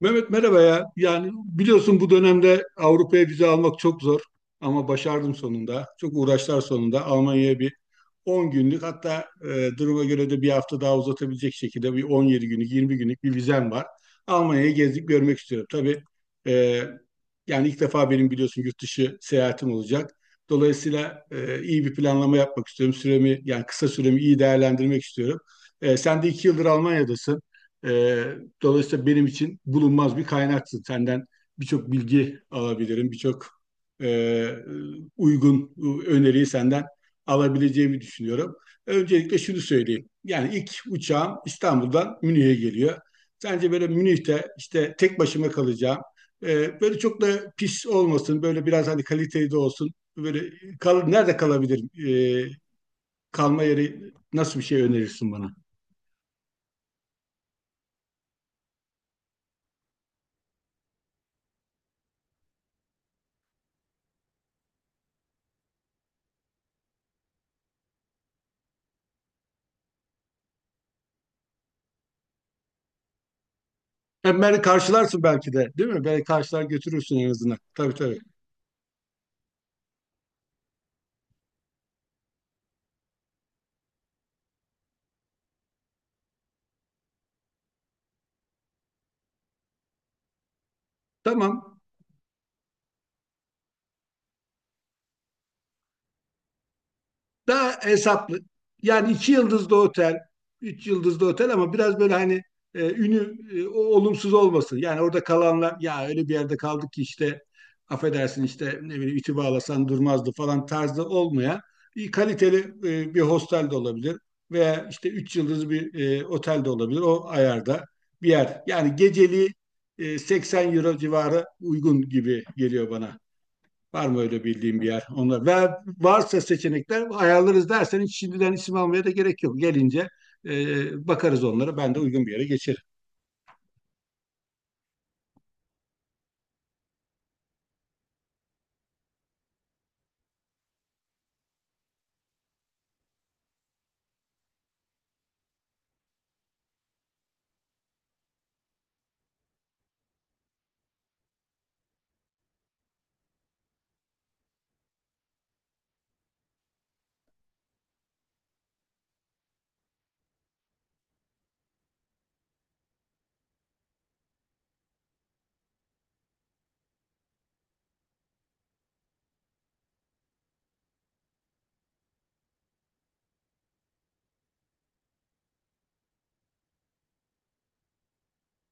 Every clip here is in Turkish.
Mehmet merhaba ya. Yani biliyorsun bu dönemde Avrupa'ya vize almak çok zor ama başardım sonunda. Çok uğraşlar sonunda Almanya'ya bir 10 günlük, hatta duruma göre de bir hafta daha uzatabilecek şekilde bir 17 günlük 20 günlük bir vizem var. Almanya'yı gezip görmek istiyorum. Tabii e, yani ilk defa benim biliyorsun yurt dışı seyahatim olacak. Dolayısıyla iyi bir planlama yapmak istiyorum. Süremi, yani kısa süremi iyi değerlendirmek istiyorum. Sen de iki yıldır Almanya'dasın. E, dolayısıyla benim için bulunmaz bir kaynaksın. Senden birçok bilgi alabilirim, birçok e, uygun öneriyi senden alabileceğimi düşünüyorum. Öncelikle şunu söyleyeyim. Yani ilk uçağım İstanbul'dan Münih'e geliyor. Sence böyle Münih'te işte tek başıma kalacağım. Böyle çok da pis olmasın. Böyle biraz hani kaliteli de olsun. Böyle nerede kalabilirim? Ee, kalma yeri, nasıl bir şey önerirsin bana? Hem beni karşılarsın belki de, değil mi? Beni karşılar götürürsün en azından. Tabii tabii. Tamam. Daha hesaplı. Yani iki yıldızlı otel, üç yıldızlı otel, ama biraz böyle hani ünü olumsuz olmasın. Yani orada kalanlar, ya öyle bir yerde kaldık ki işte, affedersin, işte ne bileyim iti bağlasan durmazdı falan tarzı olmayan, bir kaliteli bir hostel de olabilir, veya işte üç yıldızlı bir otel de olabilir, o ayarda bir yer. Yani geceliği 80 euro civarı uygun gibi geliyor bana. Var mı öyle bildiğim bir yer? Onlar ve varsa seçenekler ayarlarız derseniz, şimdiden isim almaya da gerek yok. Gelince bakarız onlara. Ben de uygun bir yere geçerim.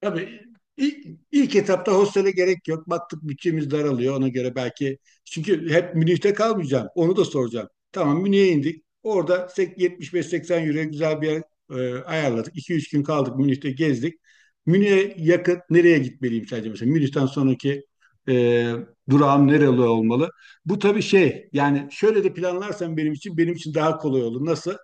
Tabii ilk etapta hostele gerek yok. Baktık bütçemiz daralıyor, ona göre belki. Çünkü hep Münih'te kalmayacağım. Onu da soracağım. Tamam, Münih'e indik. Orada 75-80 euro güzel bir yer ayarladık. 2 üç gün kaldık, Münih'te gezdik. Münih'e yakın nereye gitmeliyim sence mesela? Münih'ten sonraki e, durağım nereli olmalı? Bu tabii şey, yani şöyle de planlarsan benim için daha kolay olur. Nasıl?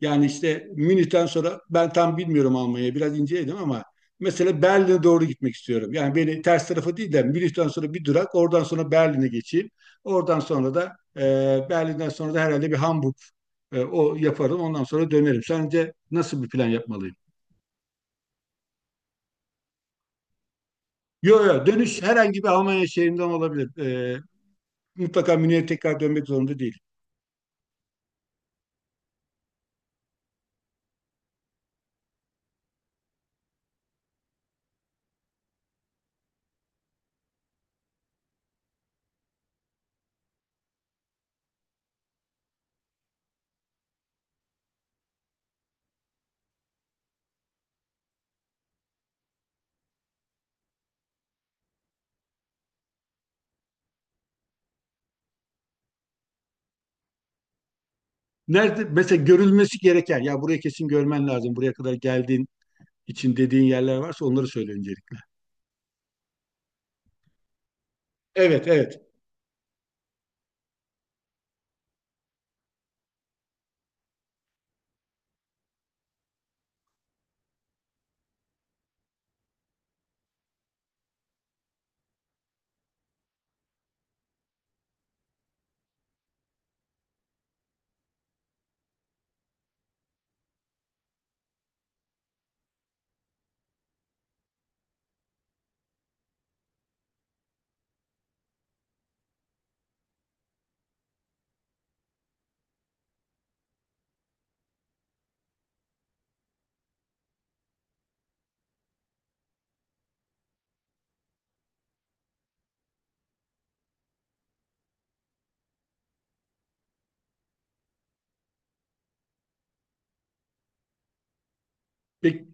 Yani işte Münih'ten sonra ben tam bilmiyorum, Almanya'yı biraz inceledim ama mesela Berlin'e doğru gitmek istiyorum. Yani beni ters tarafa değil de Münih'ten sonra bir durak, oradan sonra Berlin'e geçeyim. Oradan sonra da Berlin'den sonra da herhalde bir Hamburg o yaparım. Ondan sonra dönerim. Sence nasıl bir plan yapmalıyım? Yok yok, dönüş herhangi bir Almanya şehrinden olabilir. E, mutlaka Münih'e tekrar dönmek zorunda değil. Nerede mesela görülmesi gereken, ya buraya kesin görmen lazım, buraya kadar geldiğin için dediğin yerler varsa onları söyle öncelikle. Evet evet. Peki,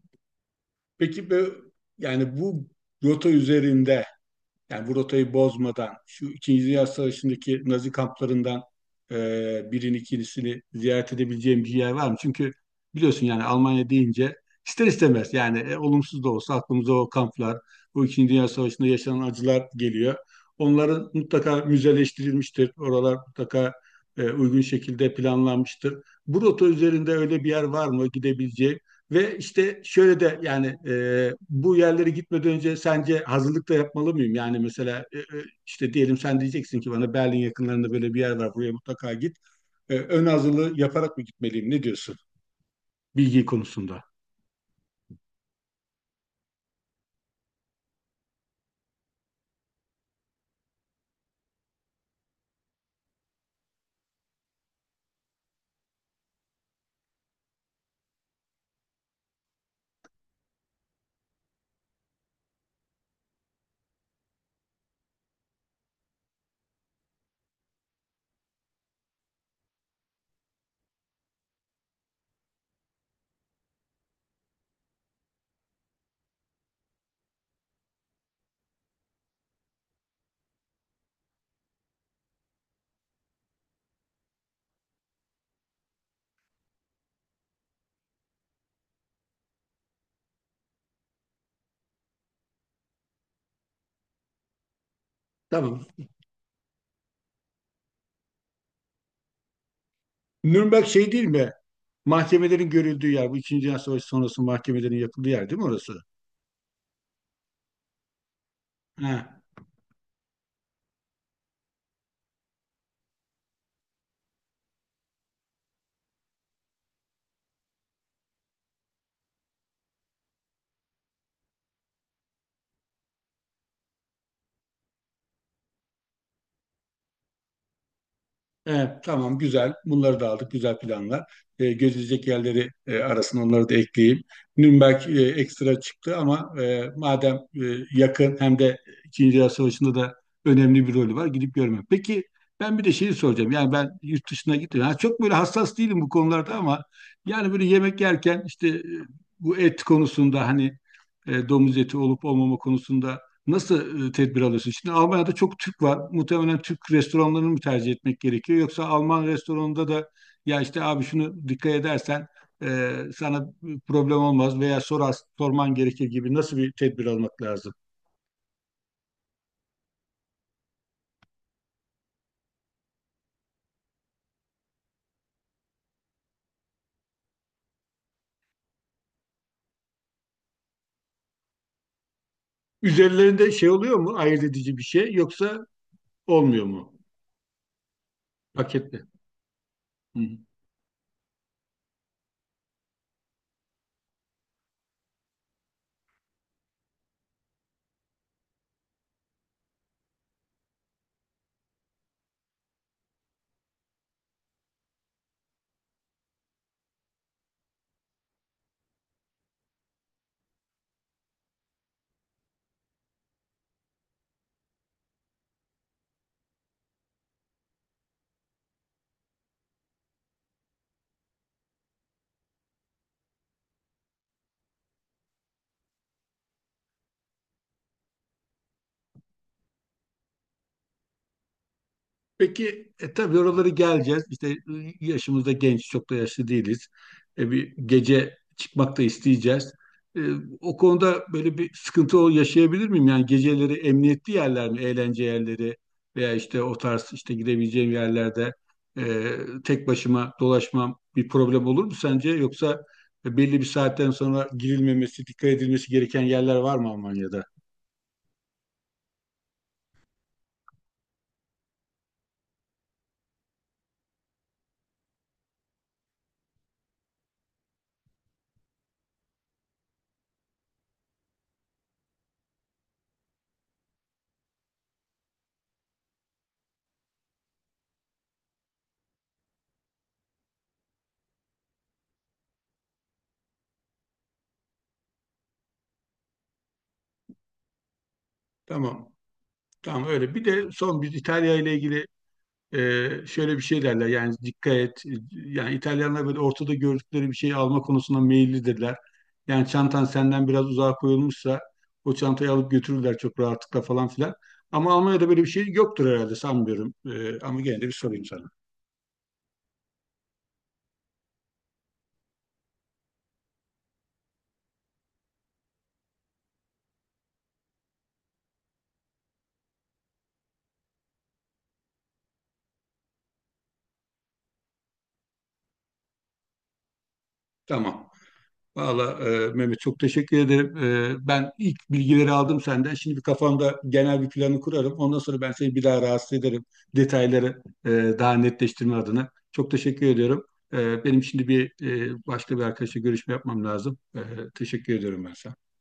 peki bu- yani bu rota üzerinde, yani bu rotayı bozmadan şu İkinci Dünya Savaşı'ndaki Nazi kamplarından e, birini, ikincisini ziyaret edebileceğim bir yer var mı? Çünkü biliyorsun yani Almanya deyince ister istemez, yani olumsuz da olsa aklımıza o kamplar, bu İkinci Dünya Savaşı'nda yaşanan acılar geliyor. Onların mutlaka müzeleştirilmiştir. Oralar mutlaka uygun şekilde planlanmıştır. Bu rota üzerinde öyle bir yer var mı gidebileceğim? Ve işte şöyle de, yani bu yerlere gitmeden önce sence hazırlık da yapmalı mıyım? Yani mesela işte diyelim sen diyeceksin ki bana, Berlin yakınlarında böyle bir yer var, buraya mutlaka git. Ön hazırlığı yaparak mı gitmeliyim? Ne diyorsun bilgi konusunda? Tamam. Nürnberg şey değil mi? Mahkemelerin görüldüğü yer. Bu İkinci Dünya Savaşı sonrası mahkemelerin yapıldığı yer değil mi orası? He. Evet, tamam, güzel. Bunları da aldık. Güzel planlar. Gözülecek yerleri arasına onları da ekleyeyim. Nürnberg ekstra çıktı ama madem yakın, hem de İkinci Dünya Savaşı'nda da önemli bir rolü var. Gidip görmek. Peki, ben bir de şeyi soracağım. Yani ben yurt dışına gittim. Ha, çok böyle hassas değilim bu konularda ama yani böyle yemek yerken işte bu et konusunda, hani domuz eti olup olmama konusunda nasıl tedbir alıyorsun? Şimdi Almanya'da çok Türk var. Muhtemelen Türk restoranlarını mı tercih etmek gerekiyor? Yoksa Alman restoranında da, ya işte abi şunu dikkat edersen sana problem olmaz veya sorar, sorman gerekir gibi, nasıl bir tedbir almak lazım? Üzerlerinde şey oluyor mu? Ayırt edici bir şey yoksa olmuyor mu? Paketli. Hı. Peki tabii oraları geleceğiz. İşte yaşımız da genç, çok da yaşlı değiliz. Bir gece çıkmak da isteyeceğiz. E, o konuda böyle bir sıkıntı yaşayabilir miyim? Yani geceleri emniyetli yerler mi, eğlence yerleri veya işte o tarz işte gidebileceğim yerlerde e, tek başıma dolaşmam bir problem olur mu sence? Yoksa belli bir saatten sonra girilmemesi, dikkat edilmesi gereken yerler var mı Almanya'da? Tamam. Tamam öyle. Bir de son bir İtalya ile ilgili. Şöyle bir şey derler, yani dikkat et. Yani İtalyanlar böyle ortada gördükleri bir şeyi alma konusunda meyillidirler. Yani çantan senden biraz uzağa koyulmuşsa o çantayı alıp götürürler çok rahatlıkla falan filan. Ama Almanya'da böyle bir şey yoktur herhalde, sanmıyorum. Ama gene de bir sorayım sana. Tamam. Valla Mehmet, çok teşekkür ederim. Ben ilk bilgileri aldım senden. Şimdi bir kafamda genel bir planı kurarım. Ondan sonra ben seni bir daha rahatsız ederim. Detayları daha netleştirme adına. Çok teşekkür ediyorum. Benim şimdi bir başka bir arkadaşla görüşme yapmam lazım. Teşekkür ediyorum ben sana.